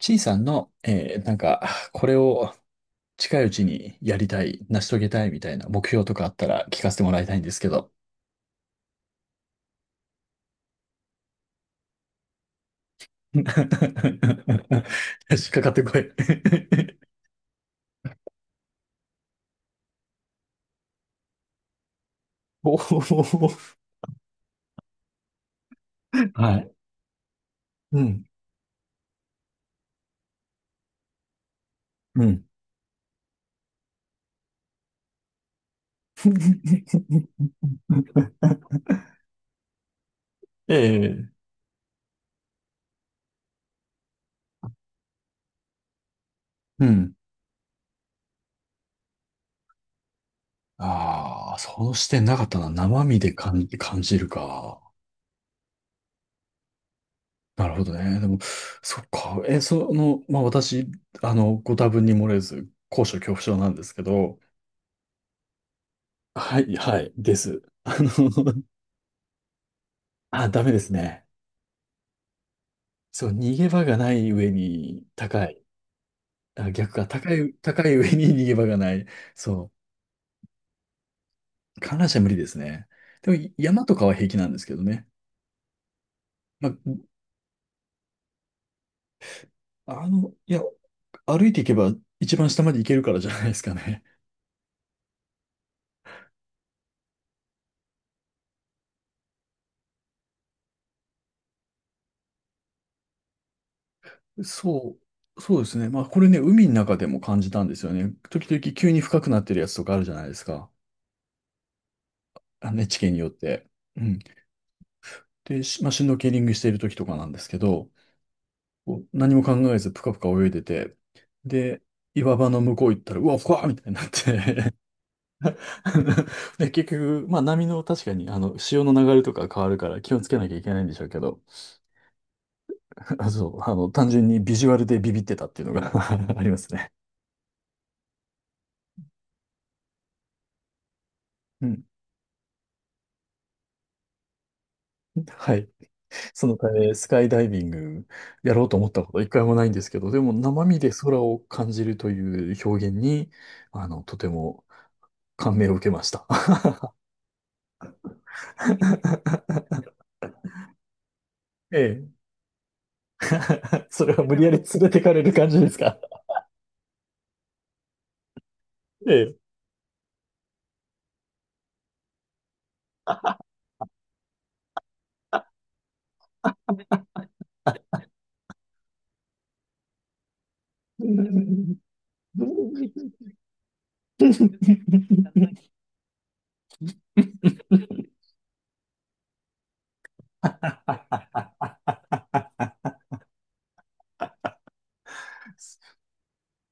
ちいさんの、これを近いうちにやりたい、成し遂げたいみたいな目標とかあったら聞かせてもらいたいんですけど。引っかかってこい。おお。はい。うん。うん。ええ、うん。ああ、その視点なかったな。生身で感じるか。なるほどね。でも、そっか。え、その、まあ、私、ご多分に漏れず、高所恐怖症なんですけど、はい、はい、です。あ、ダメですね。そう、逃げ場がない上に高い。あ、逆か、高い、高い上に逃げ場がない。そう、観覧車無理ですね。でも、山とかは平気なんですけどね。まあ、歩いていけば一番下まで行けるからじゃないですかね。そう、そうですね。まあ、これね、海の中でも感じたんですよね。時々急に深くなってるやつとかあるじゃないですか。地形によって。うん。で、しまあ、シュノーケリングしている時とかなんですけど、こう何も考えずぷかぷか泳いでて、で、岩場の向こう行ったら、うわ、ふわーみたいになって。 で、結局、まあ波の確かに、潮の流れとか変わるから気をつけなきゃいけないんでしょうけど、あ、そう、単純にビジュアルでビビってたっていうのが ありますね。うん。はい。そのため、スカイダイビングやろうと思ったことは一回もないんですけど、でも生身で空を感じるという表現に、とても感銘を受けました。ええ。 それは無理やり連れてかれる感じですか？ ええ。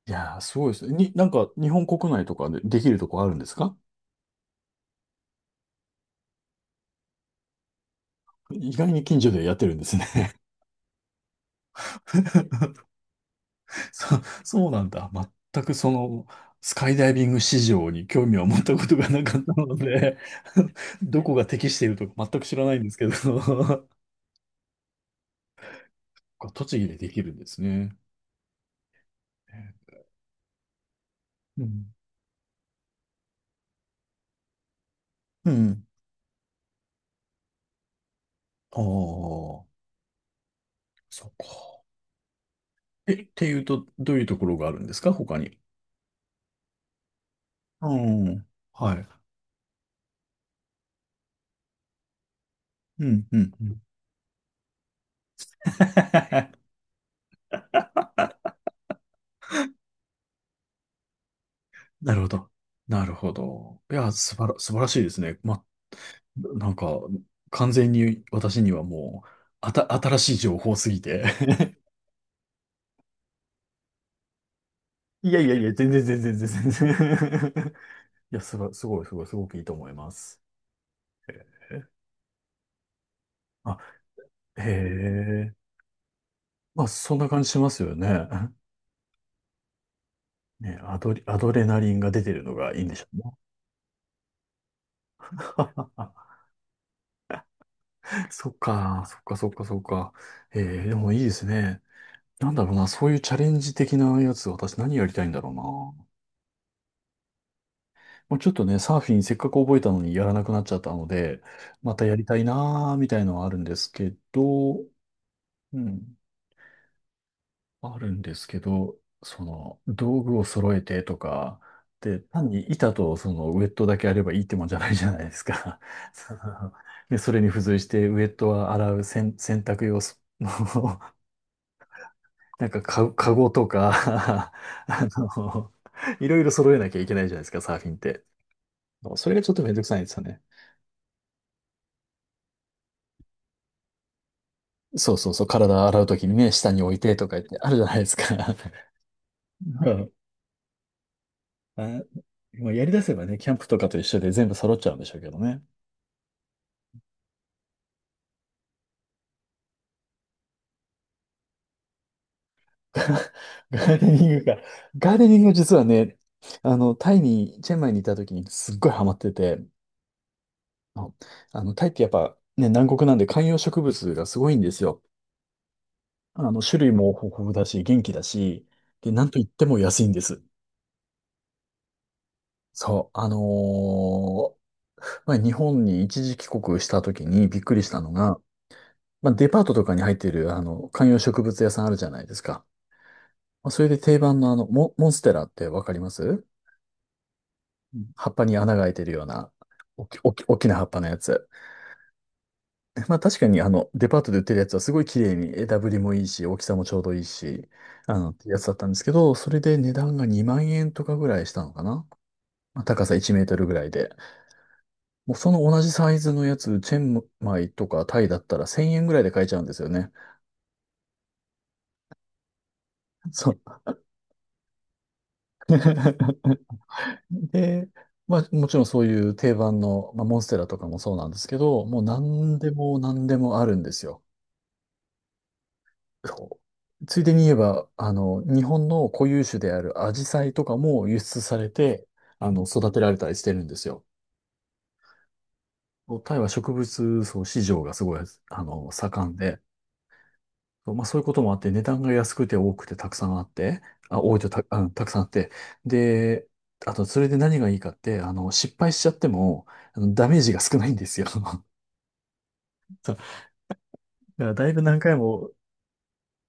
いやー、すごいですね。なんか、日本国内とかでできるとこあるんですか？意外に近所でやってるんですね。そ、そうなんだ。全くその、スカイダイビング市場に興味を持ったことがなかったので、 どこが適しているとか全く知らないんですけど、 栃木でできるんですね。うん。うん。ああ、そっか。え、っていうと、どういうところがあるんですか、他に。うん。はい。うん、うん、うん。なるほど。なるほど。いや、素晴らしいですね。ま、なんか、完全に私にはもう、新しい情報すぎて。いやいやいや、全然全然全然全然。いや、すごい、すごい、すごい、すごくいいと思います。え、あ、へえ。まあ、そんな感じしますよね。ね、アドレナリンが出てるのがいいんでしょうね。そっか、そっか、そっか、そっか。えー、でもいいですね。なんだろうな、そういうチャレンジ的なやつ、私何やりたいんだろうな。もうちょっとね、サーフィンせっかく覚えたのにやらなくなっちゃったので、またやりたいなーみたいのはあるんですけど、うん、あるんですけど、その、道具を揃えてとか、で、単に板とそのウェットだけあればいいってもんじゃないじゃないですか。その、で、それに付随してウェットは洗う洗、洗濯用ス なんかか、カゴとか、 あの、いろいろ揃えなきゃいけないじゃないですか、サーフィンって。それがちょっとめんどくさいんですよね。そうそうそう、体洗うときにね、下に置いてとか言ってあるじゃないですか。うん。あ、もうやり出せばね、キャンプとかと一緒で全部揃っちゃうんでしょうけどね。ガーデニングが、ガーデニング実はね、タイに、チェンマイにいた時にすっごいハマってて、タイってやっぱね、南国なんで観葉植物がすごいんですよ。種類も豊富だし、元気だし、で、なんといっても安いんです。そう、まあ、日本に一時帰国した時にびっくりしたのが、まあ、デパートとかに入ってる、観葉植物屋さんあるじゃないですか。まあ、それで定番のあの、モンステラってわかります？葉っぱに穴が開いてるような、おき、おき、大きな葉っぱのやつ。まあ、確かにあの、デパートで売ってるやつはすごい綺麗に枝ぶりもいいし、大きさもちょうどいいし、ってやつだったんですけど、それで値段が2万円とかぐらいしたのかな。まあ高さ1メートルぐらいで。もうその同じサイズのやつ、チェンマイとかタイだったら1000円ぐらいで買えちゃうんですよね。そう。で、まあもちろんそういう定番の、まあ、モンステラとかもそうなんですけど、もう何でも何でもあるんですよ。そうついでに言えば、日本の固有種であるアジサイとかも輸出されて、育てられたりしてるんですよ。タイは植物層市場がすごい、盛んで、まあそういうこともあって、値段が安くて多くてたくさんあって、あ、多いとた、うん、たくさんあって、で、あとそれで何がいいかって、失敗しちゃっても、ダメージが少ないんですよ。そうだからだいぶ何回も、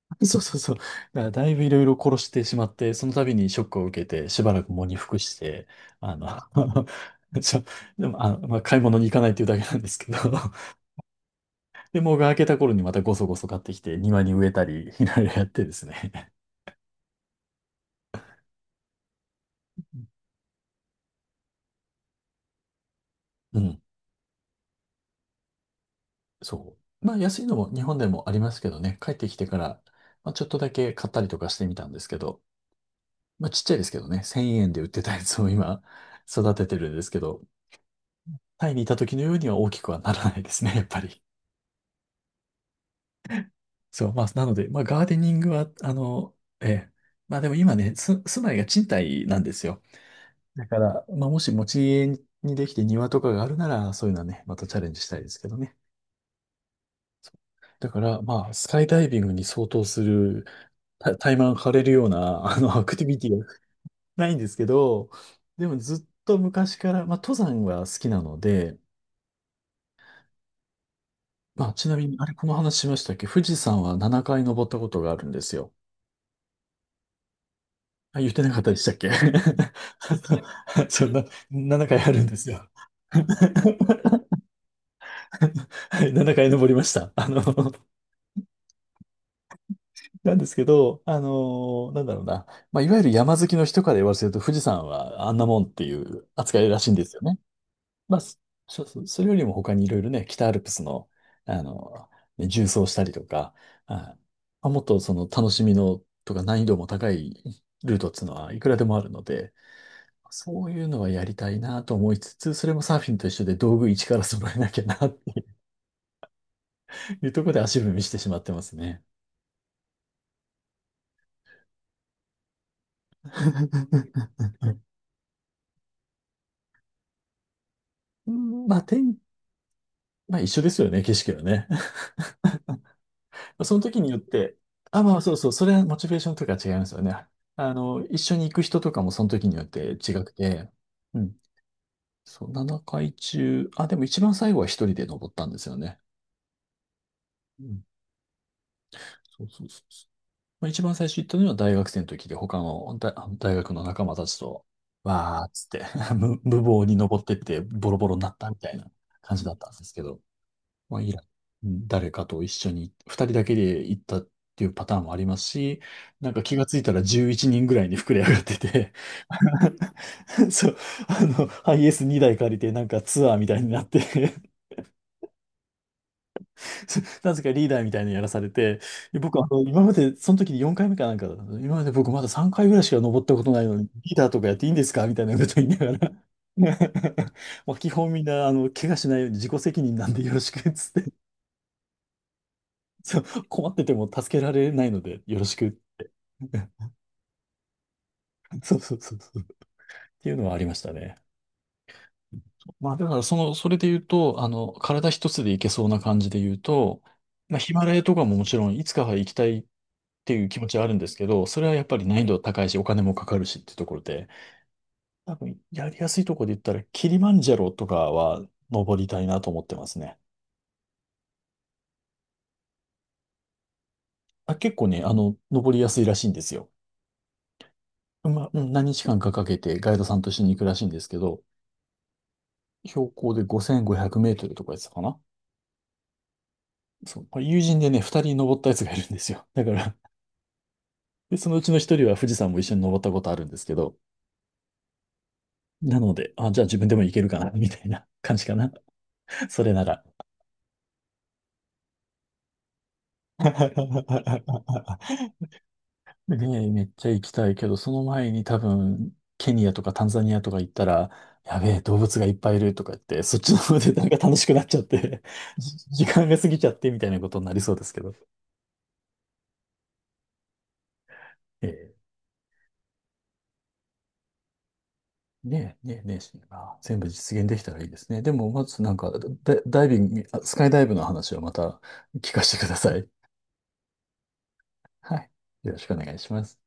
そうそうそう。だからだいぶいろいろ殺してしまって、その度にショックを受けて、しばらく喪に服して、あの、ちょ、でも、まあ、買い物に行かないっていうだけなんですけど、で、もうが明けた頃にまたごそごそ買ってきて、庭に植えたり、いろいろやってですね。うん。そう。まあ安いのも日本でもありますけどね、帰ってきてから、まあ、ちょっとだけ買ったりとかしてみたんですけど、まあちっちゃいですけどね、1000円で売ってたやつを今 育ててるんですけど、タイにいた時のようには大きくはならないですね、やっぱり。そう、まあなので、まあガーデニングは、ええ、まあでも今ね、住まいが賃貸なんですよ。だから、まあもし持ち家にできて庭とかがあるなら、そういうのはね、またチャレンジしたいですけどね。だから、まあ、スカイダイビングに相当する、タイマン張れるような、アクティビティがないんですけど、でもずっと昔から、まあ、登山は好きなので、まあ、ちなみに、あれ、この話しましたっけ？富士山は7回登ったことがあるんですよ。あ、言ってなかったでしたっけ？ そんな、7回あるんですよ。はい、7回登りました。なんですけど、なんだろうな。まあ、いわゆる山好きの人から言わせると、富士山はあんなもんっていう扱いらしいんですよね。まあ、そうそう、それよりも他にいろいろね、北アルプスの、あの、ね縦走したりとか、あ、まあもっとその楽しみのとか難易度も高いルートっていうのはいくらでもあるので、そういうのはやりたいなと思いつつ、それもサーフィンと一緒で道具一から揃えなきゃなっていうところで足踏みしてしまってますね。うん、まあ、まあ一緒ですよね、景色はね。その時によって、あ、まあそうそう、それはモチベーションとか違いますよね。一緒に行く人とかもその時によって違くて、うん。そう、7回中、あ、でも一番最後は一人で登ったんですよね。うん。そうそうそうそう。まあ、一番最初行ったのは大学生の時で、他の大学の仲間たちと、わーっつって 無謀に登ってってボロボロになったみたいな感じだったんですけど。まあ、イラン、うん、誰かと一緒に、二人だけで行ったっていうパターンもありますし、なんか気がついたら11人ぐらいに膨れ上がってて、そう、ハイエース2台借りて、なんかツアーみたいになって なぜかリーダーみたいなのやらされて、で僕、今まで、その時に4回目かなんかだったの、今まで僕まだ3回ぐらいしか登ったことないのに、リーダーとかやっていいんですかみたいなこと言いながら まあ基本みんな、怪我しないように自己責任なんでよろしくっつって、そう、困ってても助けられないので、よろしく。そうそうそうそう。っていうのはありましたね。まあ、だからそれで言うと、体一つでいけそうな感じで言うと、まあ、ヒマラヤとかももちろんいつかは行きたいっていう気持ちはあるんですけど、それはやっぱり難易度高いし、お金もかかるしっていうところで、多分やりやすいところで言ったら、キリマンジャロとかは登りたいなと思ってますね。あ、結構ね、登りやすいらしいんですよ。まあ、うん、何日間かかけてガイドさんと一緒に行くらしいんですけど、標高で5500メートルとかやつかな。そう、友人でね、二人登ったやつがいるんですよ。だから で、そのうちの一人は富士山も一緒に登ったことあるんですけど、なので、あ、じゃあ自分でも行けるかな、みたいな感じかな。それなら。で、めっちゃ行きたいけど、その前に多分、ケニアとかタンザニアとか行ったら、やべえ、動物がいっぱいいるとか言って、そっちの方でなんか楽しくなっちゃって、じ時間が過ぎちゃってみたいなことになりそうですけど。ええ、ねえ、ねえ、ねえ、全部実現できたらいいですね。でも、まずなんか、ダダイビング、あスカイダイブの話はまた聞かせてください。はい。よろしくお願いします。